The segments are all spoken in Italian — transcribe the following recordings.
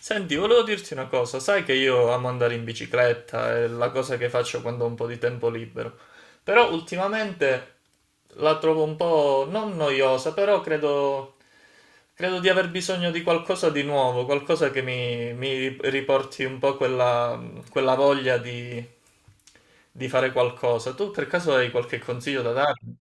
Senti, volevo dirti una cosa, sai che io amo andare in bicicletta, è la cosa che faccio quando ho un po' di tempo libero, però ultimamente la trovo un po' non noiosa, però credo di aver bisogno di qualcosa di nuovo, qualcosa che mi riporti un po' quella, quella voglia di fare qualcosa. Tu per caso hai qualche consiglio da darmi?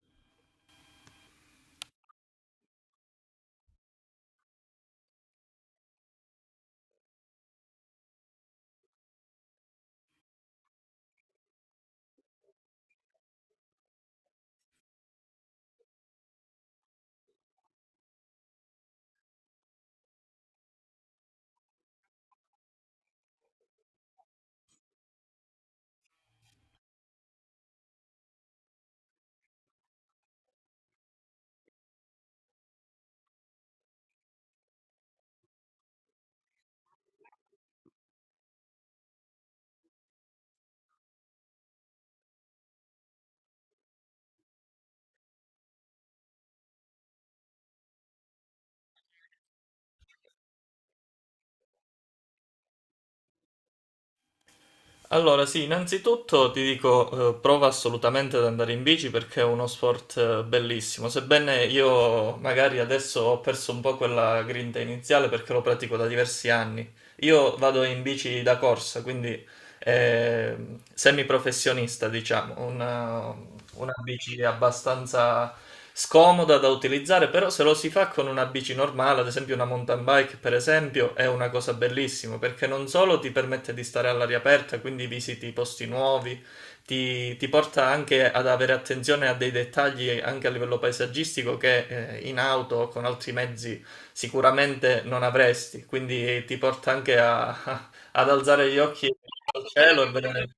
Allora, sì, innanzitutto ti dico, prova assolutamente ad andare in bici perché è uno sport bellissimo, sebbene io magari adesso ho perso un po' quella grinta iniziale perché lo pratico da diversi anni. Io vado in bici da corsa, quindi eh, semiprofessionista, diciamo, una bici abbastanza scomoda da utilizzare, però se lo si fa con una bici normale, ad esempio una mountain bike, per esempio, è una cosa bellissima, perché non solo ti permette di stare all'aria aperta, quindi visiti posti nuovi, ti porta anche ad avere attenzione a dei dettagli anche a livello paesaggistico che in auto o con altri mezzi sicuramente non avresti, quindi ti porta anche ad alzare gli occhi al cielo e vedere.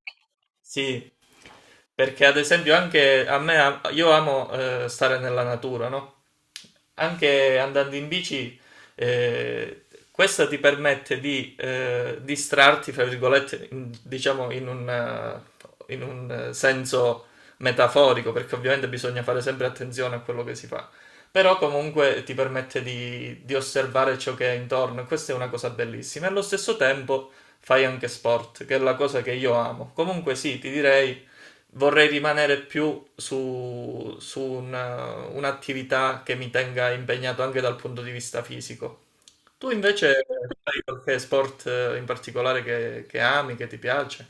Sì, perché ad esempio anche a me, io amo stare nella natura, no? Anche andando in bici, eh, questa ti permette di distrarti, fra virgolette, diciamo in un senso metaforico, perché ovviamente bisogna fare sempre attenzione a quello che si fa. Però comunque ti permette di osservare ciò che è intorno e questa è una cosa bellissima. E allo stesso tempo fai anche sport, che è la cosa che io amo. Comunque sì, ti direi vorrei rimanere più su un'attività che mi tenga impegnato anche dal punto di vista fisico. Tu invece fai qualche sport in particolare che ami, che ti piace?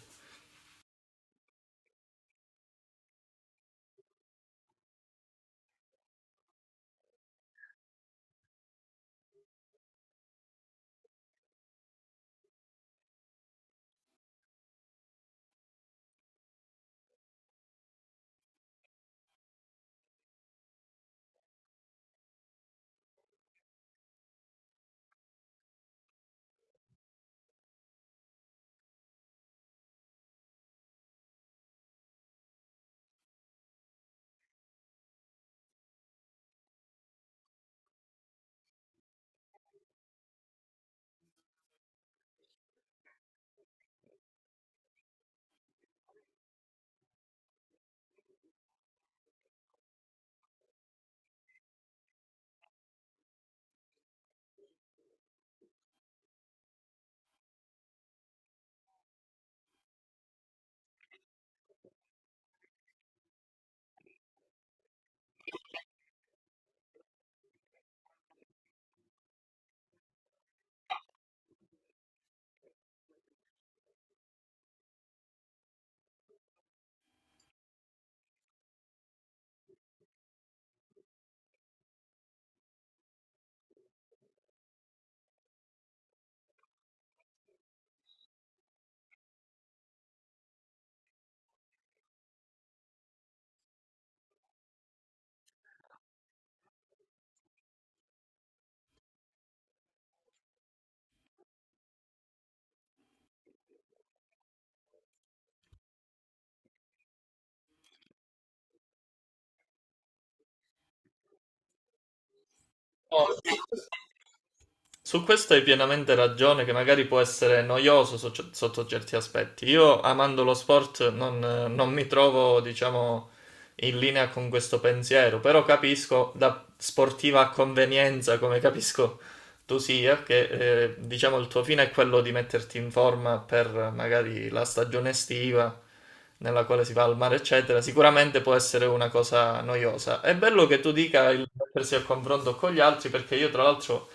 No. Su questo hai pienamente ragione, che magari può essere noioso sotto certi aspetti. Io, amando lo sport, non mi trovo, diciamo, in linea con questo pensiero, però capisco da sportiva a convenienza, come capisco tu sia, che diciamo il tuo fine è quello di metterti in forma per magari la stagione estiva nella quale si va al mare, eccetera, sicuramente può essere una cosa noiosa. È bello che tu dica il mettersi a confronto con gli altri, perché io, tra l'altro.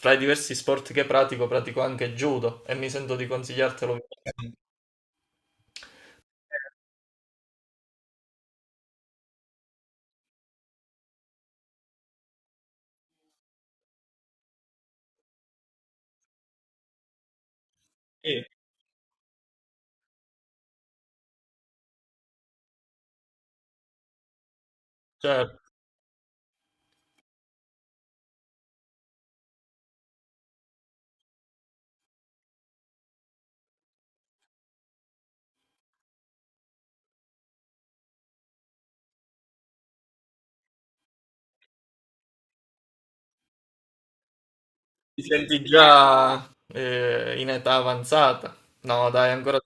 Tra i diversi sport che pratico, pratico anche judo e mi sento di consigliartelo. Sì, certo. Ti senti già in età avanzata. No, dai, ancora.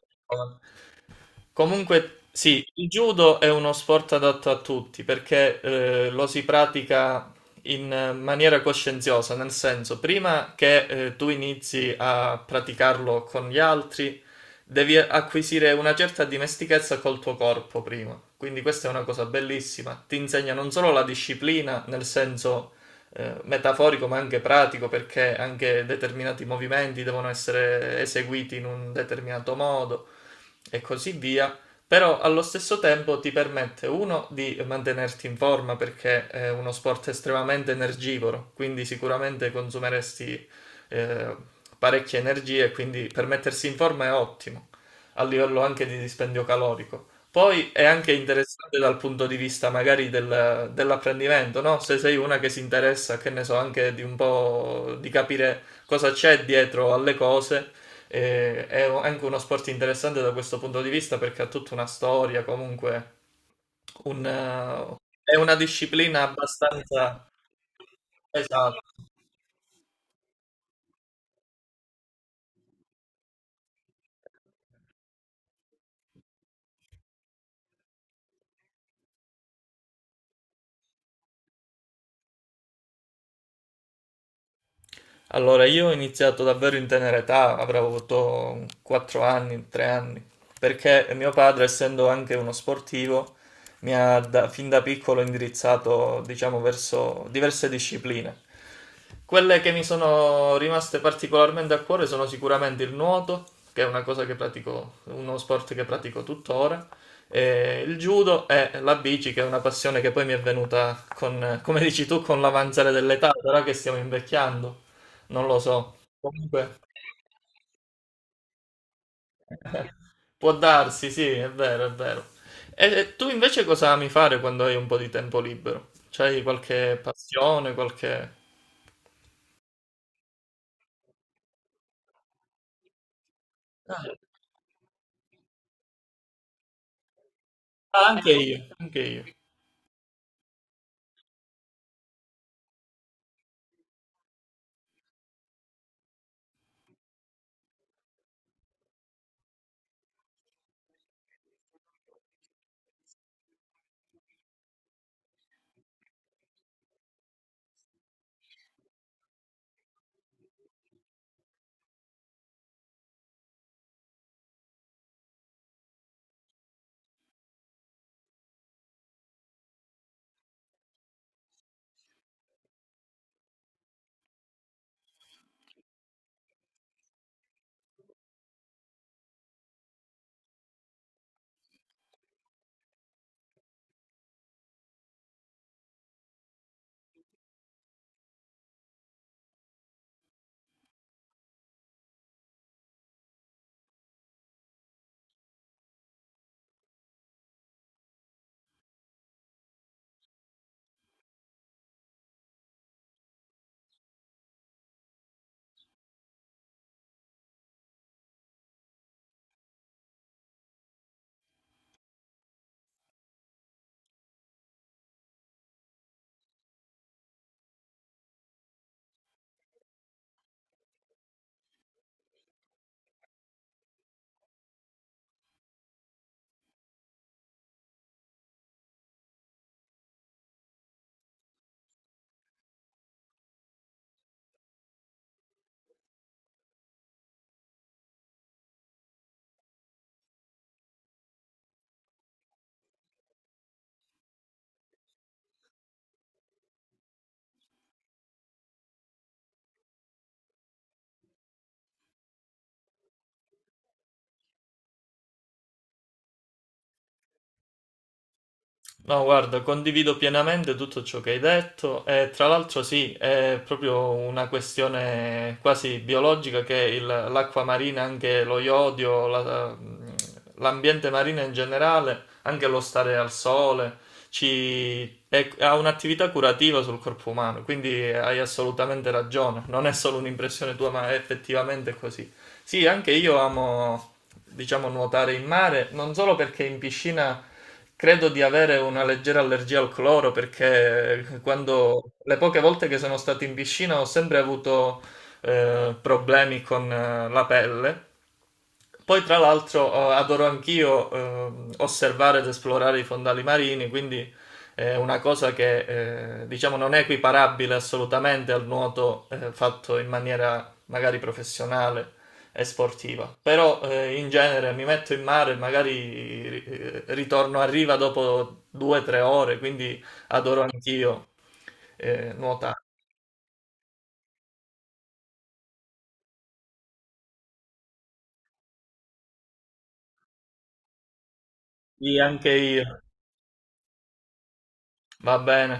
Comunque, sì, il judo è uno sport adatto a tutti perché lo si pratica in maniera coscienziosa, nel senso, prima che tu inizi a praticarlo con gli altri, devi acquisire una certa dimestichezza col tuo corpo prima. Quindi questa è una cosa bellissima, ti insegna non solo la disciplina, nel senso metaforico ma anche pratico, perché anche determinati movimenti devono essere eseguiti in un determinato modo e così via, però allo stesso tempo ti permette uno di mantenerti in forma perché è uno sport estremamente energivoro, quindi sicuramente consumeresti eh, parecchie energie, quindi per mettersi in forma è ottimo, a livello anche di dispendio calorico. Poi è anche interessante dal punto di vista magari dell'apprendimento, no? Se sei una che si interessa, che ne so, anche di un po' di capire cosa c'è dietro alle cose, e è anche uno sport interessante da questo punto di vista perché ha tutta una storia, comunque un, è una disciplina abbastanza. Esatto. Allora, io ho iniziato davvero in tenera età, avrò avuto 4 anni, 3 anni, perché mio padre, essendo anche uno sportivo, mi ha fin da piccolo indirizzato, diciamo, verso diverse discipline. Quelle che mi sono rimaste particolarmente a cuore sono sicuramente il nuoto, che è una cosa che pratico, uno sport che pratico tuttora, e il judo e la bici, che è una passione che poi mi è venuta con, come dici tu, con l'avanzare dell'età, però che stiamo invecchiando, non lo so. Comunque può darsi, sì, è vero, è vero. E tu invece cosa ami fare quando hai un po' di tempo libero? C'hai qualche passione, qualche. Ah, anche io, anche io. No, guarda, condivido pienamente tutto ciò che hai detto e tra l'altro sì, è proprio una questione quasi biologica che l'acqua marina, anche lo iodio, l'ambiente marino in generale, anche lo stare al sole, ha un'attività curativa sul corpo umano, quindi hai assolutamente ragione, non è solo un'impressione tua, ma è effettivamente così. Sì, anche io amo, diciamo, nuotare in mare, non solo perché in piscina credo di avere una leggera allergia al cloro, perché quando, le poche volte che sono stato in piscina ho sempre avuto problemi con la pelle poi, tra l'altro, adoro anch'io osservare ed esplorare i fondali marini, quindi è una cosa che diciamo non è equiparabile assolutamente al nuoto fatto in maniera magari professionale e sportiva. Però in genere mi metto in mare, e magari ritorno a riva dopo 2 o 3 ore, quindi adoro anch'io nuotare. Sì, anche io. Va bene.